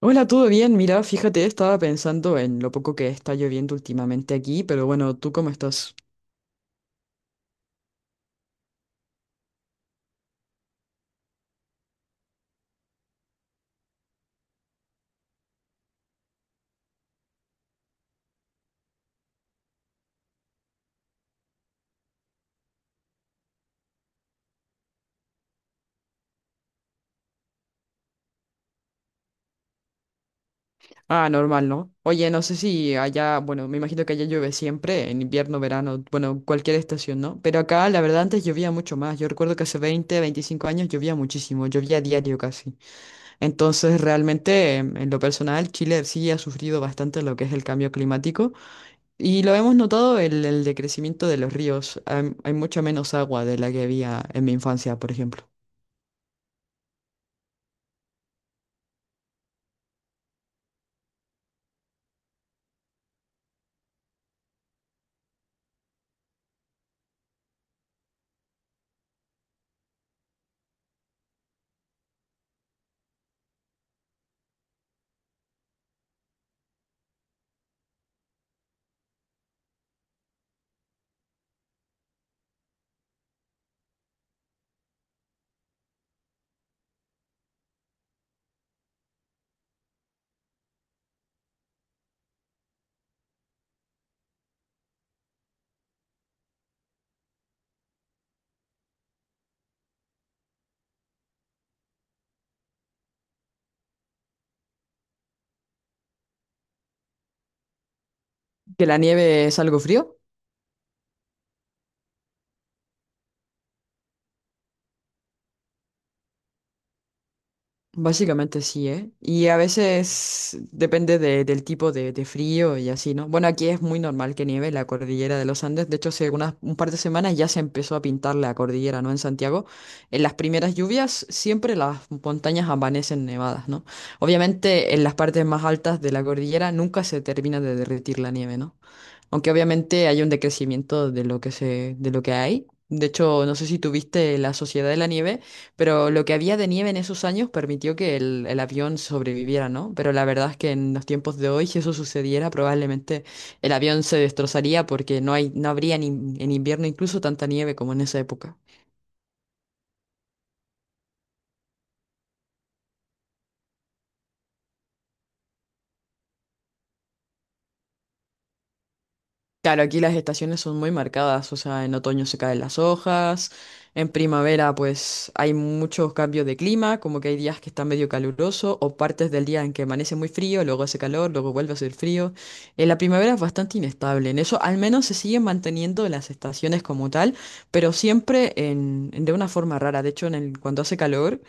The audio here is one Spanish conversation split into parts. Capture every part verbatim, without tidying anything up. Hola, ¿todo bien? Mira, fíjate, estaba pensando en lo poco que está lloviendo últimamente aquí, pero bueno, ¿tú cómo estás? Ah, normal, ¿no? Oye, no sé si allá, bueno, me imagino que allá llueve siempre, en invierno, verano, bueno, cualquier estación, ¿no? Pero acá, la verdad, antes llovía mucho más. Yo recuerdo que hace veinte, veinticinco años llovía muchísimo, llovía diario casi. Entonces, realmente, em, en lo personal, Chile sí ha sufrido bastante lo que es el cambio climático. Y lo hemos notado el, el decrecimiento de los ríos. Hay, hay mucha menos agua de la que había en mi infancia, por ejemplo. Que la nieve es algo frío, básicamente sí, ¿eh? Y a veces depende de- del tipo de, de frío y así, ¿no? Bueno, aquí es muy normal que nieve en la cordillera de los Andes. De hecho, hace unas, un par de semanas ya se empezó a pintar la cordillera, ¿no? En Santiago. En las primeras lluvias siempre las montañas amanecen nevadas, ¿no? Obviamente en las partes más altas de la cordillera nunca se termina de derretir la nieve, ¿no? Aunque obviamente hay un decrecimiento de lo que se, de lo que hay. De hecho, no sé si tuviste la Sociedad de la Nieve, pero lo que había de nieve en esos años permitió que el, el avión sobreviviera, ¿no? Pero la verdad es que en los tiempos de hoy, si eso sucediera, probablemente el avión se destrozaría porque no hay, no habría en in- en invierno incluso tanta nieve como en esa época. Claro, aquí las estaciones son muy marcadas, o sea, en otoño se caen las hojas, en primavera pues hay muchos cambios de clima, como que hay días que está medio caluroso o partes del día en que amanece muy frío, luego hace calor, luego vuelve a hacer frío. En la primavera es bastante inestable, en eso al menos se siguen manteniendo las estaciones como tal, pero siempre en, en- de una forma rara. De hecho, en el- cuando hace calor,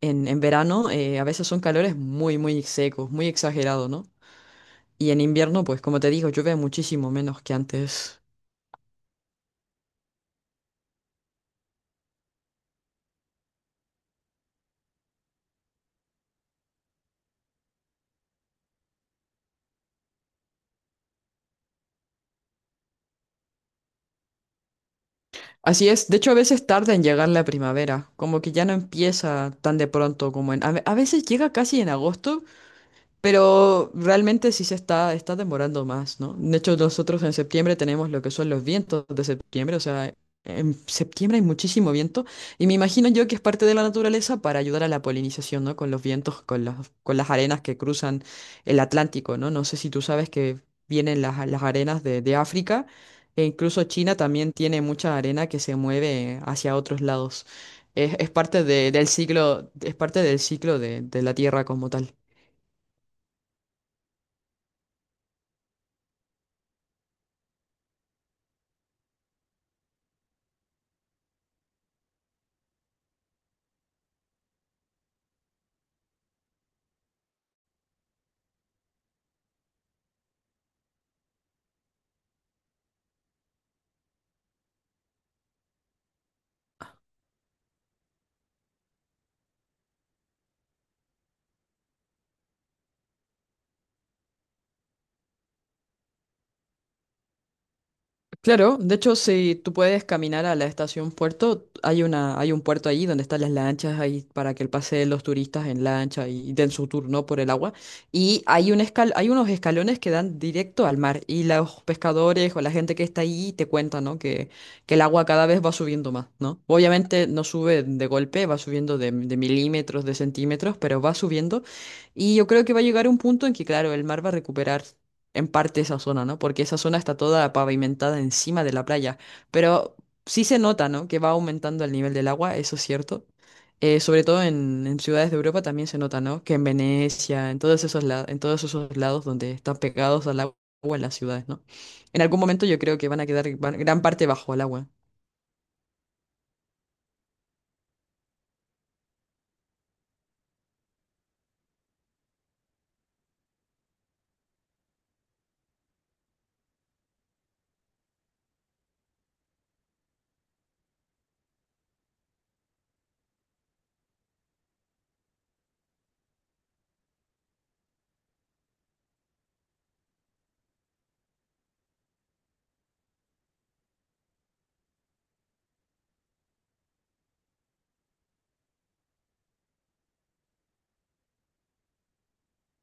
en, en verano eh, a veces son calores muy, muy secos, muy exagerados, ¿no? Y en invierno, pues como te digo, llueve muchísimo menos que antes. Así es, de hecho a veces tarda en llegar la primavera, como que ya no empieza tan de pronto como en... A, ve- a veces llega casi en agosto, pero realmente sí se está, está demorando más, ¿no? De hecho, nosotros en septiembre tenemos lo que son los vientos de septiembre, o sea, en septiembre hay muchísimo viento y me imagino yo que es parte de la naturaleza para ayudar a la polinización, ¿no? Con los vientos, con las, con las arenas que cruzan el Atlántico, ¿no? No sé si tú sabes que vienen las, las arenas de, de África e incluso China también tiene mucha arena que se mueve hacia otros lados. Es, es parte de- del ciclo, es parte del ciclo de de la Tierra como tal. Claro, de hecho, si tú puedes caminar a la estación puerto, hay una, hay un puerto ahí donde están las lanchas ahí para que pasen los turistas en lancha y den su turno por el agua. Y hay un escal, hay unos escalones que dan directo al mar y los pescadores o la gente que está ahí te cuentan, ¿no? Que, que el agua cada vez va subiendo más, ¿no? Obviamente no sube de golpe, va subiendo de, de milímetros, de centímetros, pero va subiendo. Y yo creo que va a llegar un punto en que, claro, el mar va a recuperar en parte esa zona, ¿no? Porque esa zona está toda pavimentada encima de la playa, pero sí se nota, ¿no? Que va aumentando el nivel del agua, eso es cierto. Eh, sobre todo en, en ciudades de Europa también se nota, ¿no? Que en Venecia, en todos esos lados, en todos esos lados donde están pegados al agua en las ciudades, ¿no? En algún momento yo creo que van a quedar van- gran parte bajo el agua.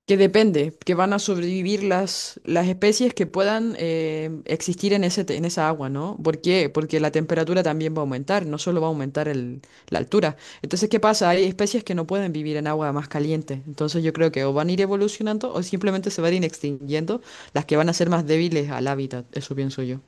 Que depende, que van a sobrevivir las, las especies que puedan eh, existir en ese, te- en esa agua, ¿no? ¿Por qué? Porque la temperatura también va a aumentar, no solo va a aumentar el- la altura. Entonces, ¿qué pasa? Hay especies que no pueden vivir en agua más caliente. Entonces, yo creo que o van a ir evolucionando o simplemente se van a ir extinguiendo las que van a ser más débiles al hábitat, eso pienso yo.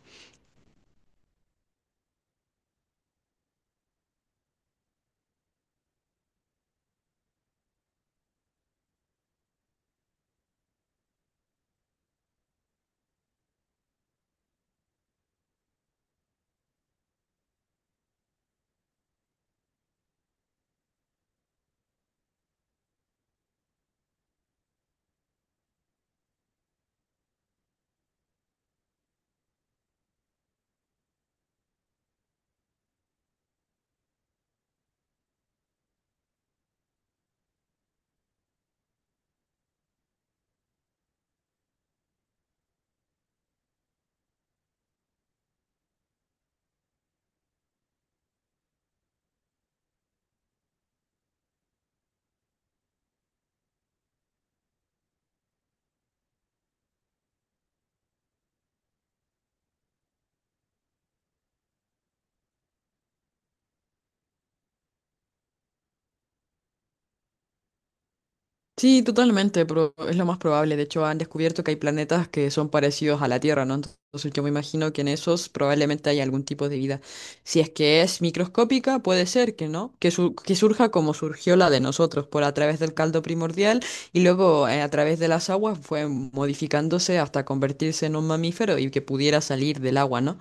Sí, totalmente, pero es lo más probable. De hecho, han descubierto que hay planetas que son parecidos a la Tierra, ¿no? Entonces, yo me imagino que en esos probablemente hay algún tipo de vida. Si es que es microscópica, puede ser que no, que, su- que surja como surgió la de nosotros, por a través del caldo primordial y luego eh, a través de las aguas fue modificándose hasta convertirse en un mamífero y que pudiera salir del agua, ¿no?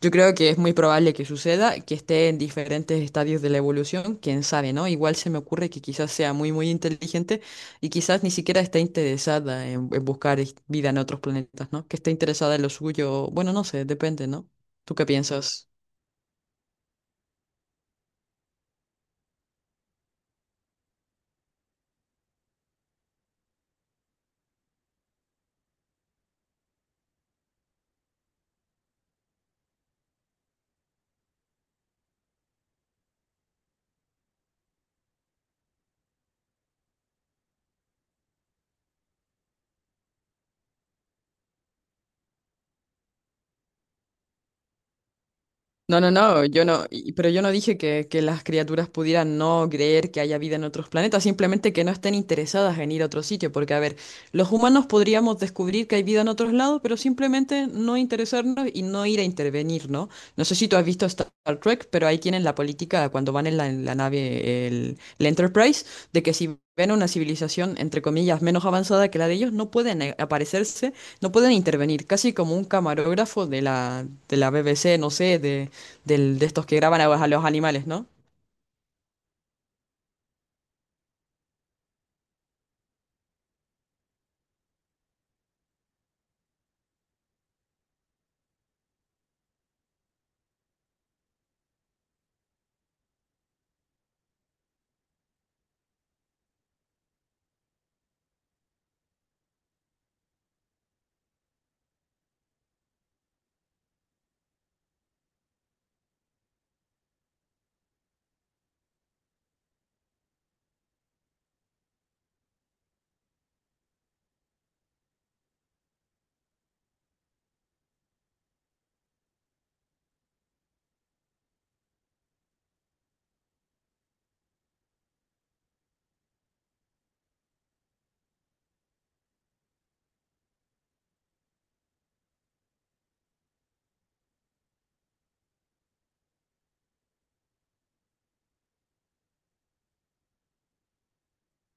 Yo creo que es muy probable que suceda, que esté en diferentes estadios de la evolución, quién sabe, ¿no? Igual se me ocurre que quizás sea muy, muy inteligente y quizás ni siquiera esté interesada en, en buscar es- vida en otros planetas, ¿no? Que esté interesada en lo suyo, bueno, no sé, depende, ¿no? ¿Tú qué piensas? No, no, no, yo no, y- pero yo no dije que, que las criaturas pudieran no creer que haya vida en otros planetas, simplemente que no estén interesadas en ir a otro sitio, porque a ver, los humanos podríamos descubrir que hay vida en otros lados, pero simplemente no interesarnos y no ir a intervenir, ¿no? No sé si tú has visto Star Trek, pero ahí tienen la política cuando van en la, en la nave, el, el Enterprise, de que si ven una civilización, entre comillas, menos avanzada que la de ellos, no pueden eh, aparecerse, no pueden intervenir, casi como un camarógrafo de la, de la B B C, no sé, de del, de estos que graban a, a los animales, ¿no?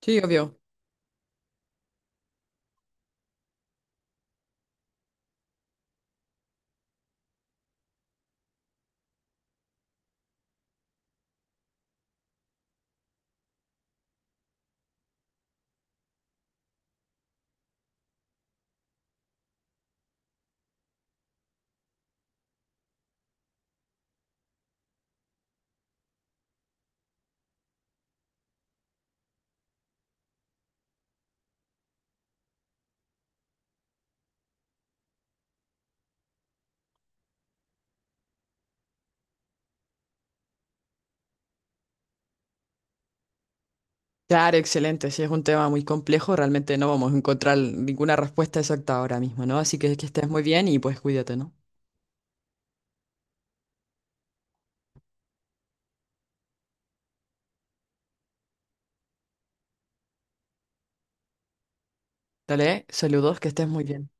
Sí, obvio. Claro, excelente. Sí, es un tema muy complejo. Realmente no vamos a encontrar ninguna respuesta exacta ahora mismo, ¿no? Así que que estés muy bien y pues cuídate, ¿no? Dale, saludos, que estés muy bien.